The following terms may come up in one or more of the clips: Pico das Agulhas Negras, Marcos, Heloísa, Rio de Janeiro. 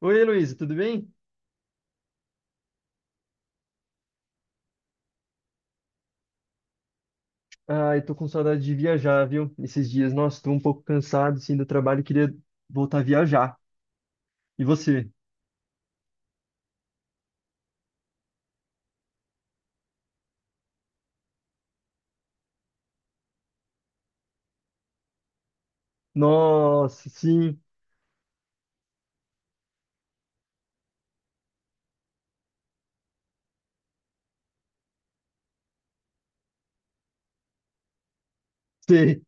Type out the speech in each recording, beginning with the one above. Oi, Heloísa, tudo bem? Ah, eu tô com saudade de viajar, viu? Esses dias, nossa, tô um pouco cansado, assim, do trabalho, e queria voltar a viajar. E você? Nossa, sim, sei.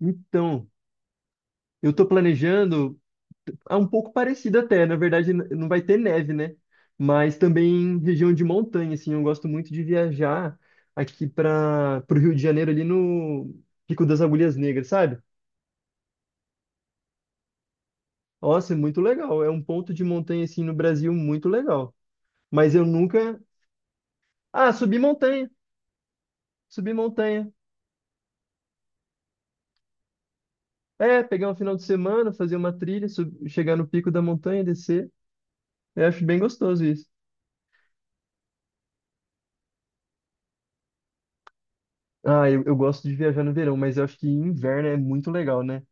Então, eu tô planejando, é um pouco parecido até, na verdade não vai ter neve, né? Mas também região de montanha, assim, eu gosto muito de viajar aqui para o Rio de Janeiro, ali no Pico das Agulhas Negras, sabe? Nossa, é muito legal, é um ponto de montanha, assim, no Brasil muito legal. Mas eu nunca. Ah, subir montanha, subir montanha. É, pegar um final de semana, fazer uma trilha, chegar no pico da montanha, descer. Eu acho bem gostoso isso. Ah, eu gosto de viajar no verão, mas eu acho que inverno é muito legal, né?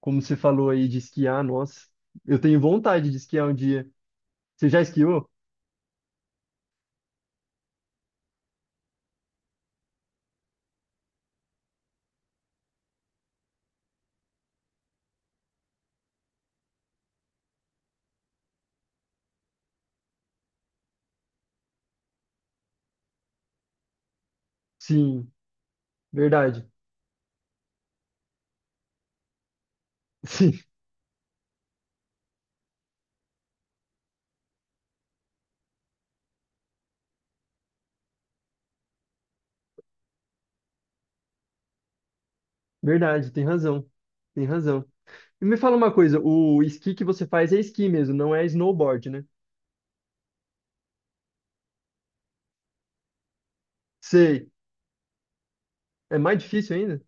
Como você falou aí de esquiar, nossa, eu tenho vontade de esquiar um dia. Você já esquiou? Sim, verdade. Sim, verdade, tem razão. Tem razão. E me fala uma coisa, o esqui que você faz é esqui mesmo, não é snowboard, né? Sei. É mais difícil ainda?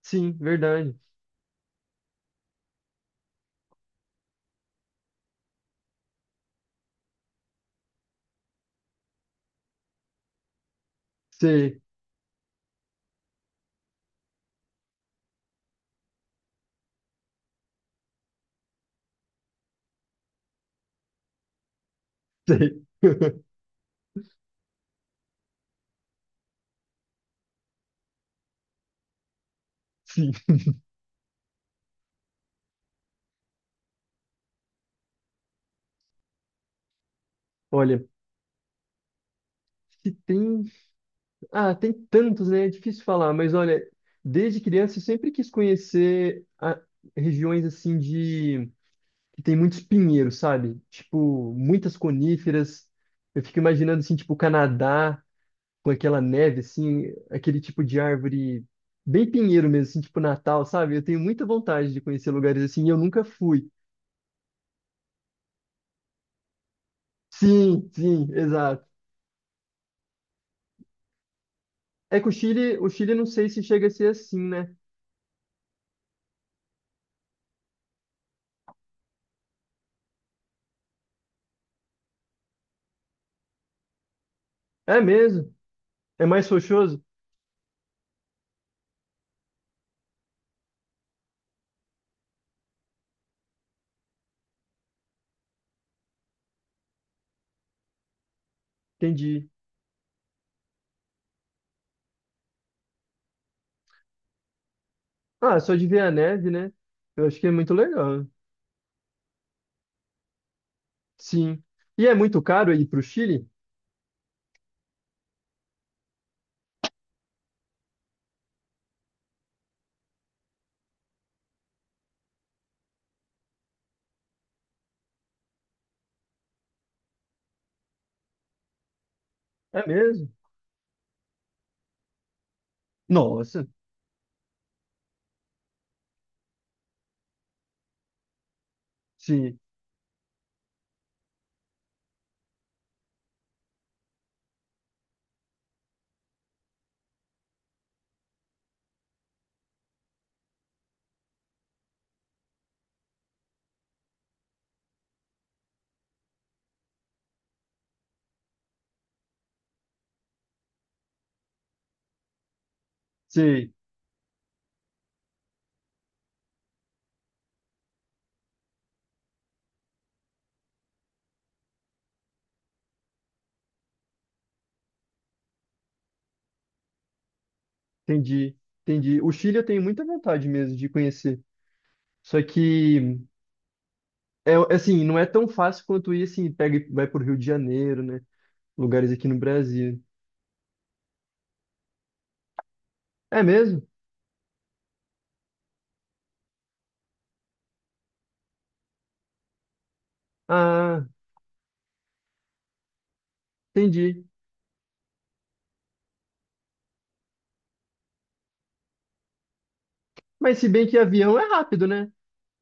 Sim, verdade. Sei. Sei. Sim. Olha, se tem. Ah, tem tantos, né? É difícil falar, mas olha, desde criança eu sempre quis conhecer regiões assim de. Que tem muitos pinheiros, sabe? Tipo, muitas coníferas. Eu fico imaginando assim, tipo, o Canadá, com aquela neve, assim, aquele tipo de árvore bem pinheiro mesmo, assim, tipo Natal, sabe? Eu tenho muita vontade de conhecer lugares assim e eu nunca fui. Sim, sim, exato. É que o Chile não sei se chega a ser assim, né? É mesmo? É mais rochoso? Entendi. Ah, só de ver a neve, né? Eu acho que é muito legal. Sim. E é muito caro ir para o Chile? É mesmo? Nossa. Sim, sim. Entendi, entendi. O Chile eu tenho muita vontade mesmo de conhecer. Só que, é assim, não é tão fácil quanto ir assim, pega e vai para Rio de Janeiro, né? Lugares aqui no Brasil. É mesmo? Ah, entendi. Mas se bem que avião é rápido, né?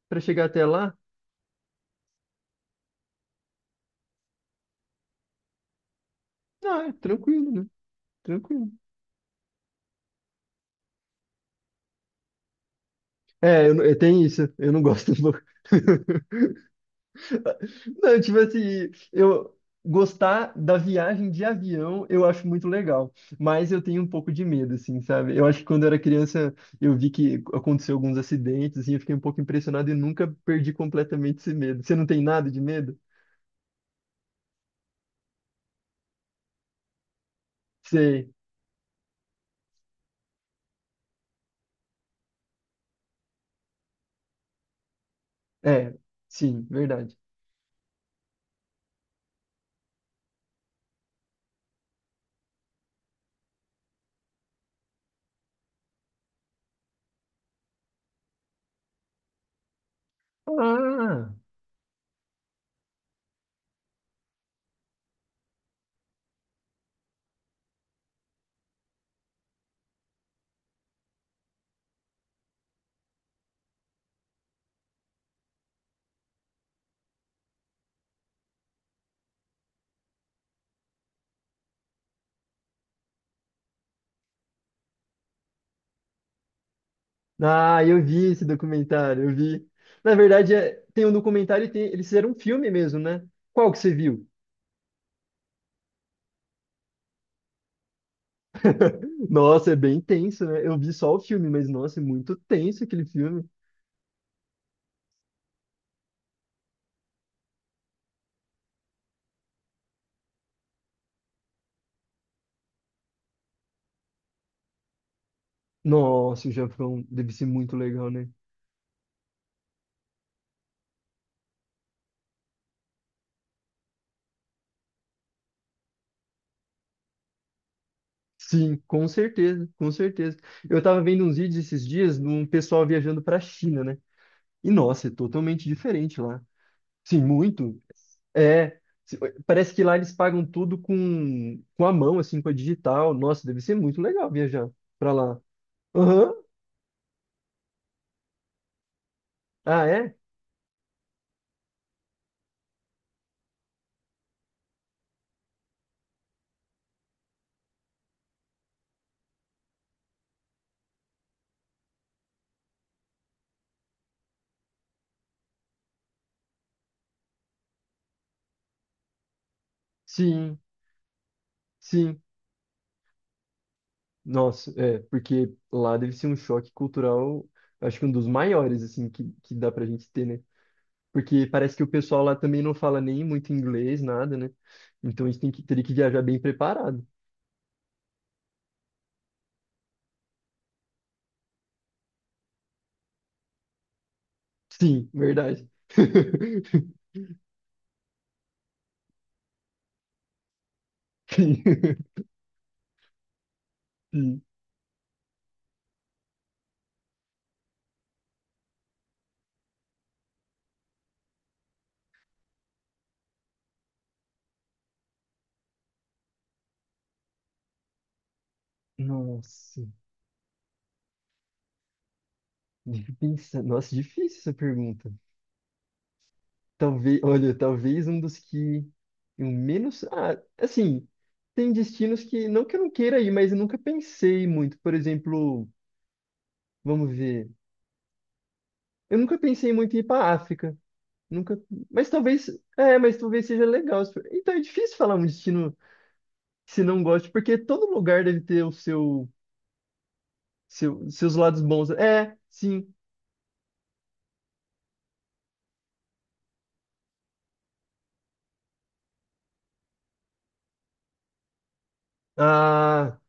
Para chegar até lá, ah, é tranquilo, né? Tranquilo. É, eu, eu tenho isso, eu não gosto um pouco. Não, tipo assim, eu gostar da viagem de avião eu acho muito legal, mas eu tenho um pouco de medo, assim, sabe? Eu acho que quando eu era criança eu vi que aconteceu alguns acidentes, assim, eu fiquei um pouco impressionado e nunca perdi completamente esse medo. Você não tem nada de medo? Sei. É, sim, verdade. Ah, ah, eu vi esse documentário, eu vi. Na verdade, tem um documentário e tem, eles fizeram um filme mesmo, né? Qual que você viu? Nossa, é bem tenso, né? Eu vi só o filme, mas nossa, é muito tenso aquele filme. Nossa, o Japão deve ser muito legal, né? Sim, com certeza, com certeza. Eu tava vendo uns vídeos esses dias de um pessoal viajando pra China, né? E nossa, é totalmente diferente lá. Sim, muito. É, se- parece que lá eles pagam tudo com a mão, assim, com a digital. Nossa, deve ser muito legal viajar pra lá. Aham. Ah, é? Sim, sim. Nossa, é, porque lá deve ser um choque cultural, acho que um dos maiores, assim, que dá pra gente ter, né? Porque parece que o pessoal lá também não fala nem muito inglês, nada, né? Então a gente tem que, teria que viajar bem preparado. Sim, verdade. Sim, sim. Nossa, deixa eu pensar. Nossa, difícil essa pergunta. Talvez, olha, talvez um dos que eu menos. Ah, assim, tem destinos que, não que eu não queira ir, mas eu nunca pensei muito. Por exemplo, vamos ver. Eu nunca pensei muito em ir para África. Nunca, mas talvez, é, mas talvez seja legal. Então é difícil falar um destino que se não goste, porque todo lugar deve ter o seu, seus lados bons. É, sim. Ah,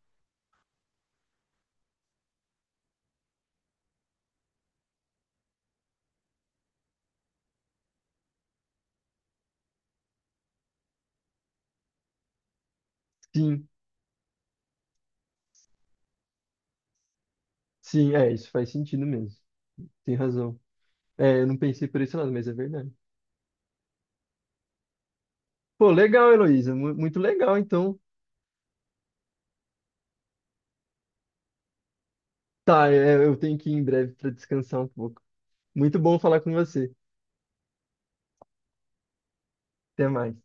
sim. Sim, é, isso faz sentido mesmo. Tem razão. É, eu não pensei por esse lado, mas é verdade. Pô, legal, Heloísa, muito legal, então. Tá, é, eu tenho que ir em breve para descansar um pouco. Muito bom falar com você. Até mais.